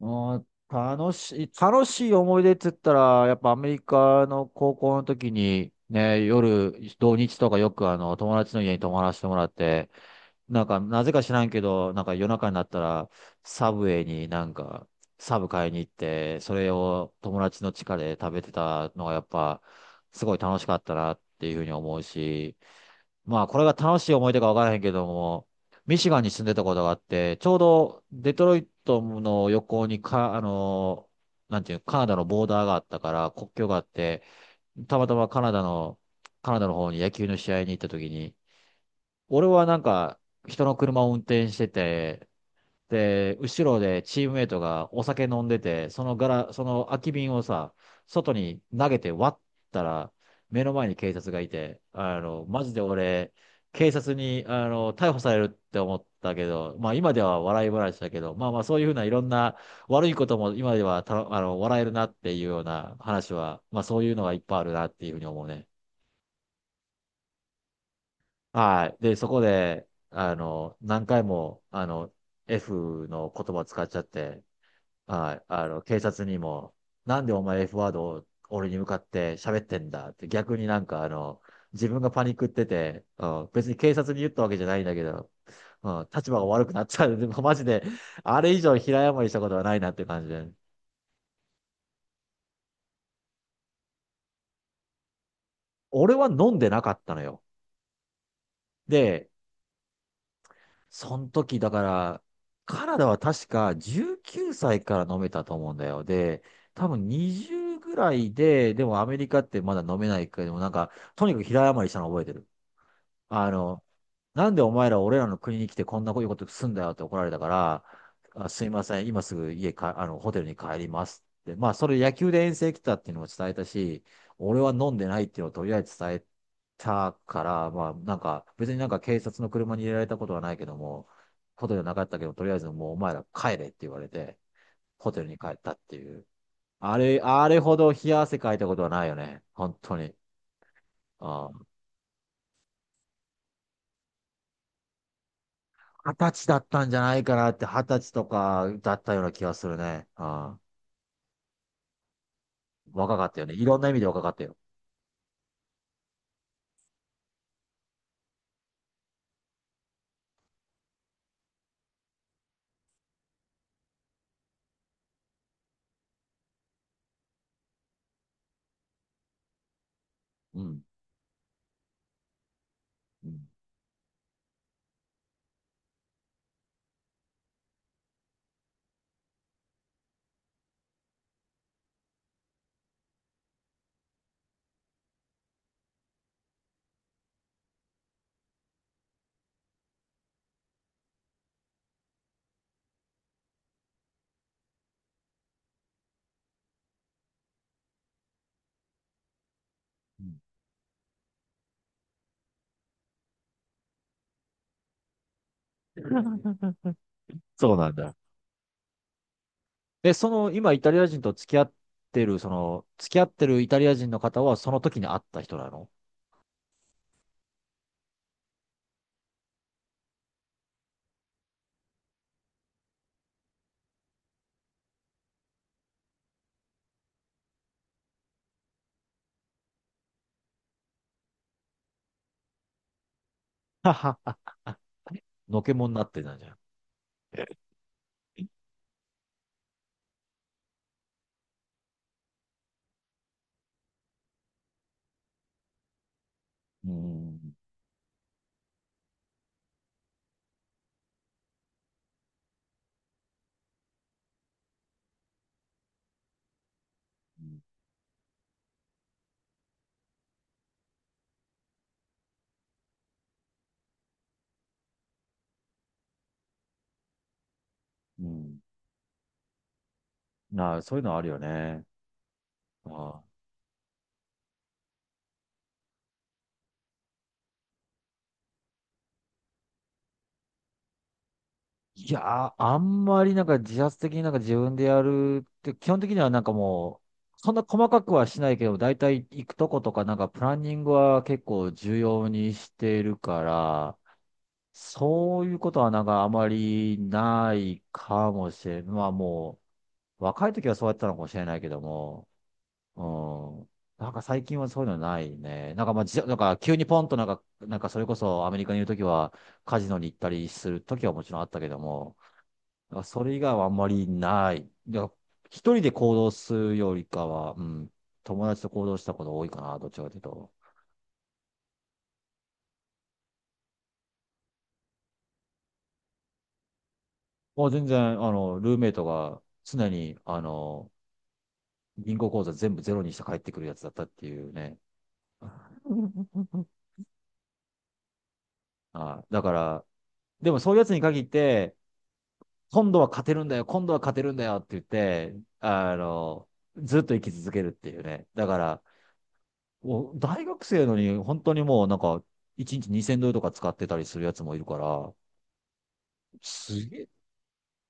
うん、楽しい思い出って言ったら、やっぱアメリカの高校の時に、ね、夜、土日とかよく友達の家に泊まらせてもらって、なんか、なぜか知らんけど、なんか夜中になったら、サブウェイになんか、サブ買いに行って、それを友達の地下で食べてたのがやっぱ、すごい楽しかったなっていうふうに思うし、まあ、これが楽しい思い出かわからへんけども、ミシガンに住んでたことがあって、ちょうどデトロイトの横にか、なんていう、カナダのボーダーがあったから、国境があって、たまたまカナダの方に野球の試合に行った時に、俺はなんか、人の車を運転してて、で、後ろでチームメイトがお酒飲んでて、そのガラ、その空き瓶をさ、外に投げて割ったら、目の前に警察がいて、マジで俺、警察に、逮捕されるって思ったけど、まあ今では笑い話だけど、まあまあそういうふうないろんな悪いことも今ではた、あの、笑えるなっていうような話は、まあそういうのがいっぱいあるなっていうふうに思うね。はい。で、そこで、何回も、F の言葉使っちゃって、はい、警察にも、なんでお前 F ワードを俺に向かって喋ってんだって、逆になんか自分がパニックってて、うん、別に警察に言ったわけじゃないんだけど、うん、立場が悪くなっちゃう。でも マジで、あれ以上平謝りしたことはないなって感じで。俺は飲んでなかったのよ。で、その時だから、カナダは確か19歳から飲めたと思うんだよ。で、多分20ぐらいで、でもアメリカってまだ飲めないけど、なんか、とにかく平謝りしたの覚えてる。あの、なんでお前ら俺らの国に来てこんなこういうことすんだよって怒られたから、あ、すいません、今すぐ家か、ホテルに帰りますって。まあ、それ野球で遠征来たっていうのも伝えたし、俺は飲んでないっていうのをとりあえず伝えたから、まあ、なんか、別になんか警察の車に入れられたことはないけども、ことじゃなかったけど、とりあえずもうお前ら帰れって言われて、ホテルに帰ったっていう。あれ、あれほど冷や汗かいたことはないよね。本当に。うん、二十歳だったんじゃないかなって、二十歳とかだったような気がするね。ああ、若かったよね。いろんな意味で若かったよ。うん。うん。うん。 そうなんだ。え、その、今、イタリア人と付き合ってる、その、付き合ってるイタリア人の方は、その時に会った人なの？はははは のけもんになってたんじゃん。うん。うん。なあ、そういうのあるよね。ああ、いやー、あんまりなんか自発的になんか自分でやるって、基本的にはなんかもう、そんな細かくはしないけど、だいたい行くとことかなんかプランニングは結構重要にしてるから、そういうことはなんかあまりないかもしれん。まあもう、若い時はそうやってたのかもしれないけども、うん。なんか最近はそういうのないね。なんかまあ、じ、なんか急にポンとなんか、なんかそれこそアメリカにいる時はカジノに行ったりする時はもちろんあったけども、だからそれ以外はあんまりない。だから一人で行動するよりかは、うん、友達と行動したことが多いかな、どっちかというと。もう全然、ルーメイトが常に、銀行口座全部ゼロにして帰ってくるやつだったっていうね。あ、だから、でもそういうやつに限って、今度は勝てるんだよ、今度は勝てるんだよって言って、あの、ずっと生き続けるっていうね。だから、もう大学生のに、本当にもうなんか、1日2000ドルとか使ってたりするやつもいるから、すげえ。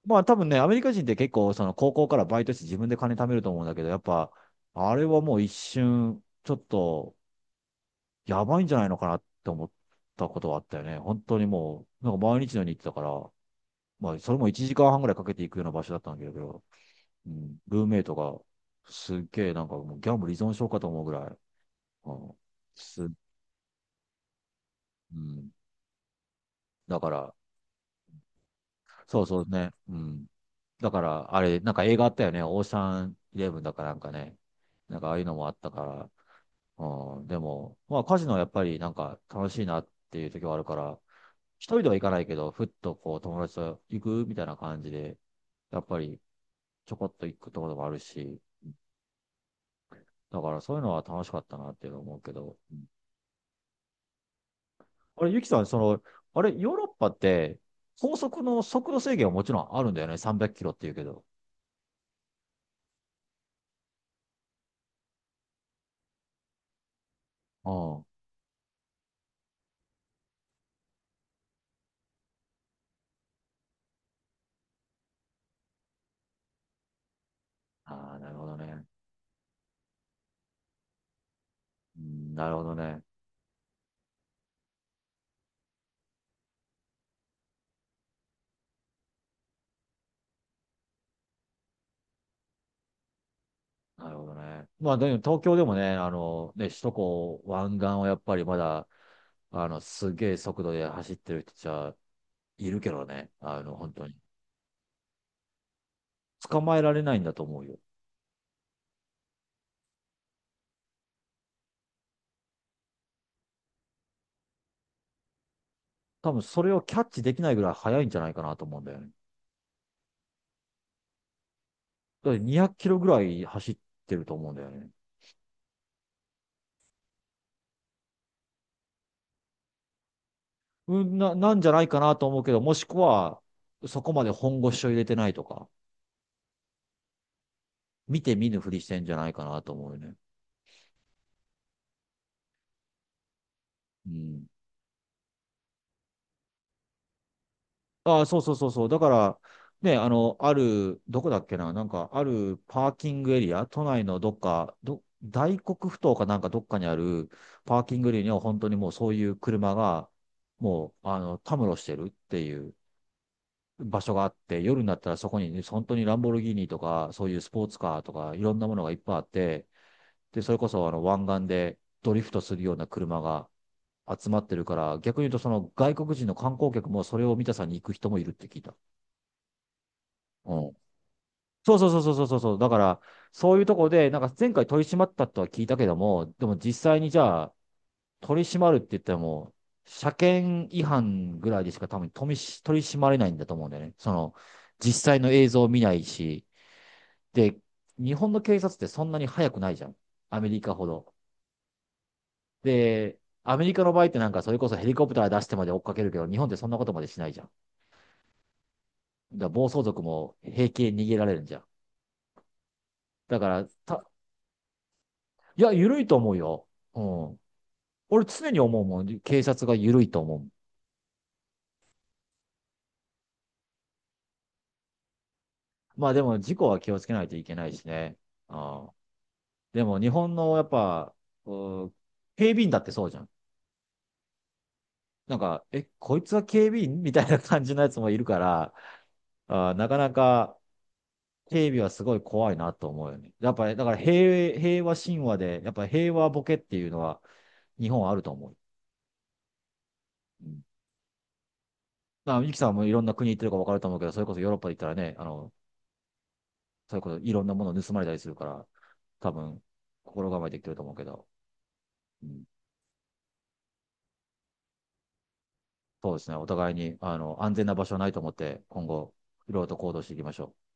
まあ多分ね、アメリカ人って結構その高校からバイトして自分で金貯めると思うんだけど、やっぱ、あれはもう一瞬、ちょっと、やばいんじゃないのかなって思ったことはあったよね。本当にもう、なんか毎日のように行ってたから、まあそれも1時間半ぐらいかけていくような場所だったんだけど、うん、ルーメイトが、すっげえなんかもうギャンブル依存症かと思うぐらい、うん、うん、だから、そうそうね。うん。だから、あれ、なんか映画あったよね。オーシャンイレブンだかなんかね。なんかああいうのもあったから。うん。でも、まあカジノはやっぱりなんか楽しいなっていう時はあるから、一人では行かないけど、ふっとこう友達と行くみたいな感じで、やっぱりちょこっと行くところもあるし、だからそういうのは楽しかったなっていうのを思うけど。あれ、ゆきさん、その、あれ、ヨーロッパって高速の速度制限はもちろんあるんだよね？300キロって言うけど。うん。ああ、なるほどね。うん、なるほどね。なるほどね。まあ、でも東京でもね、ね、首都高湾岸はやっぱりまだ、すげえ速度で走ってる人じゃ、いるけどね、本当に。捕まえられないんだと思うよ。多分それをキャッチできないぐらい速いんじゃないかなと思うんだよね。だって200キロぐらい走ってると思うんだよね。うん、な、なんじゃないかなと思うけど、もしくは、そこまで本腰を入れてないとか、見て見ぬふりしてんじゃないかなと思うよね。うん。ああ、そうそうそうそう。だから、ね、ある、どこだっけな、なんか、あるパーキングエリア、都内のどっか、ど、大黒ふ頭かなんかどっかにあるパーキングエリアには本当にもうそういう車が、もう、たむろしてるっていう場所があって、夜になったらそこに、ね、本当にランボルギーニとか、そういうスポーツカーとか、いろんなものがいっぱいあって、で、それこそ湾岸でドリフトするような車が集まってるから、逆に言うとその外国人の観光客もそれを見たさに行く人もいるって聞いた。うん、そうそうそうそうそうそう。だから、そういうとこで、なんか前回取り締まったとは聞いたけども、でも実際にじゃあ、取り締まるって言っても、車検違反ぐらいでしか多分取り締まれないんだと思うんだよね。その、実際の映像を見ないし、で、日本の警察ってそんなに速くないじゃん。アメリカほど。で、アメリカの場合ってなんかそれこそヘリコプター出してまで追っかけるけど、日本ってそんなことまでしないじゃん。だから暴走族も平気で逃げられるんじゃん。だから、た、いや、緩いと思うよ。うん。俺常に思うもん。警察が緩いと思う。まあでも事故は気をつけないといけないしね。ああ、でも日本のやっぱ、うー警備員だってそうじゃん。なんか、え、こいつは警備員みたいな感じのやつもいるから、ああ、なかなか警備はすごい怖いなと思うよね。やっぱり、だから平和神話で、やっぱ平和ボケっていうのは日本はあると思う。うん、まあ、ゆきさんもいろんな国行ってるか分かると思うけど、それこそヨーロッパで行ったらね、そういうこと、いろんなもの盗まれたりするから、多分、心構えてきてると思うけど、うん、そうですね。お互いに、安全な場所はないと思って、今後、いろいろと行動していきましょう。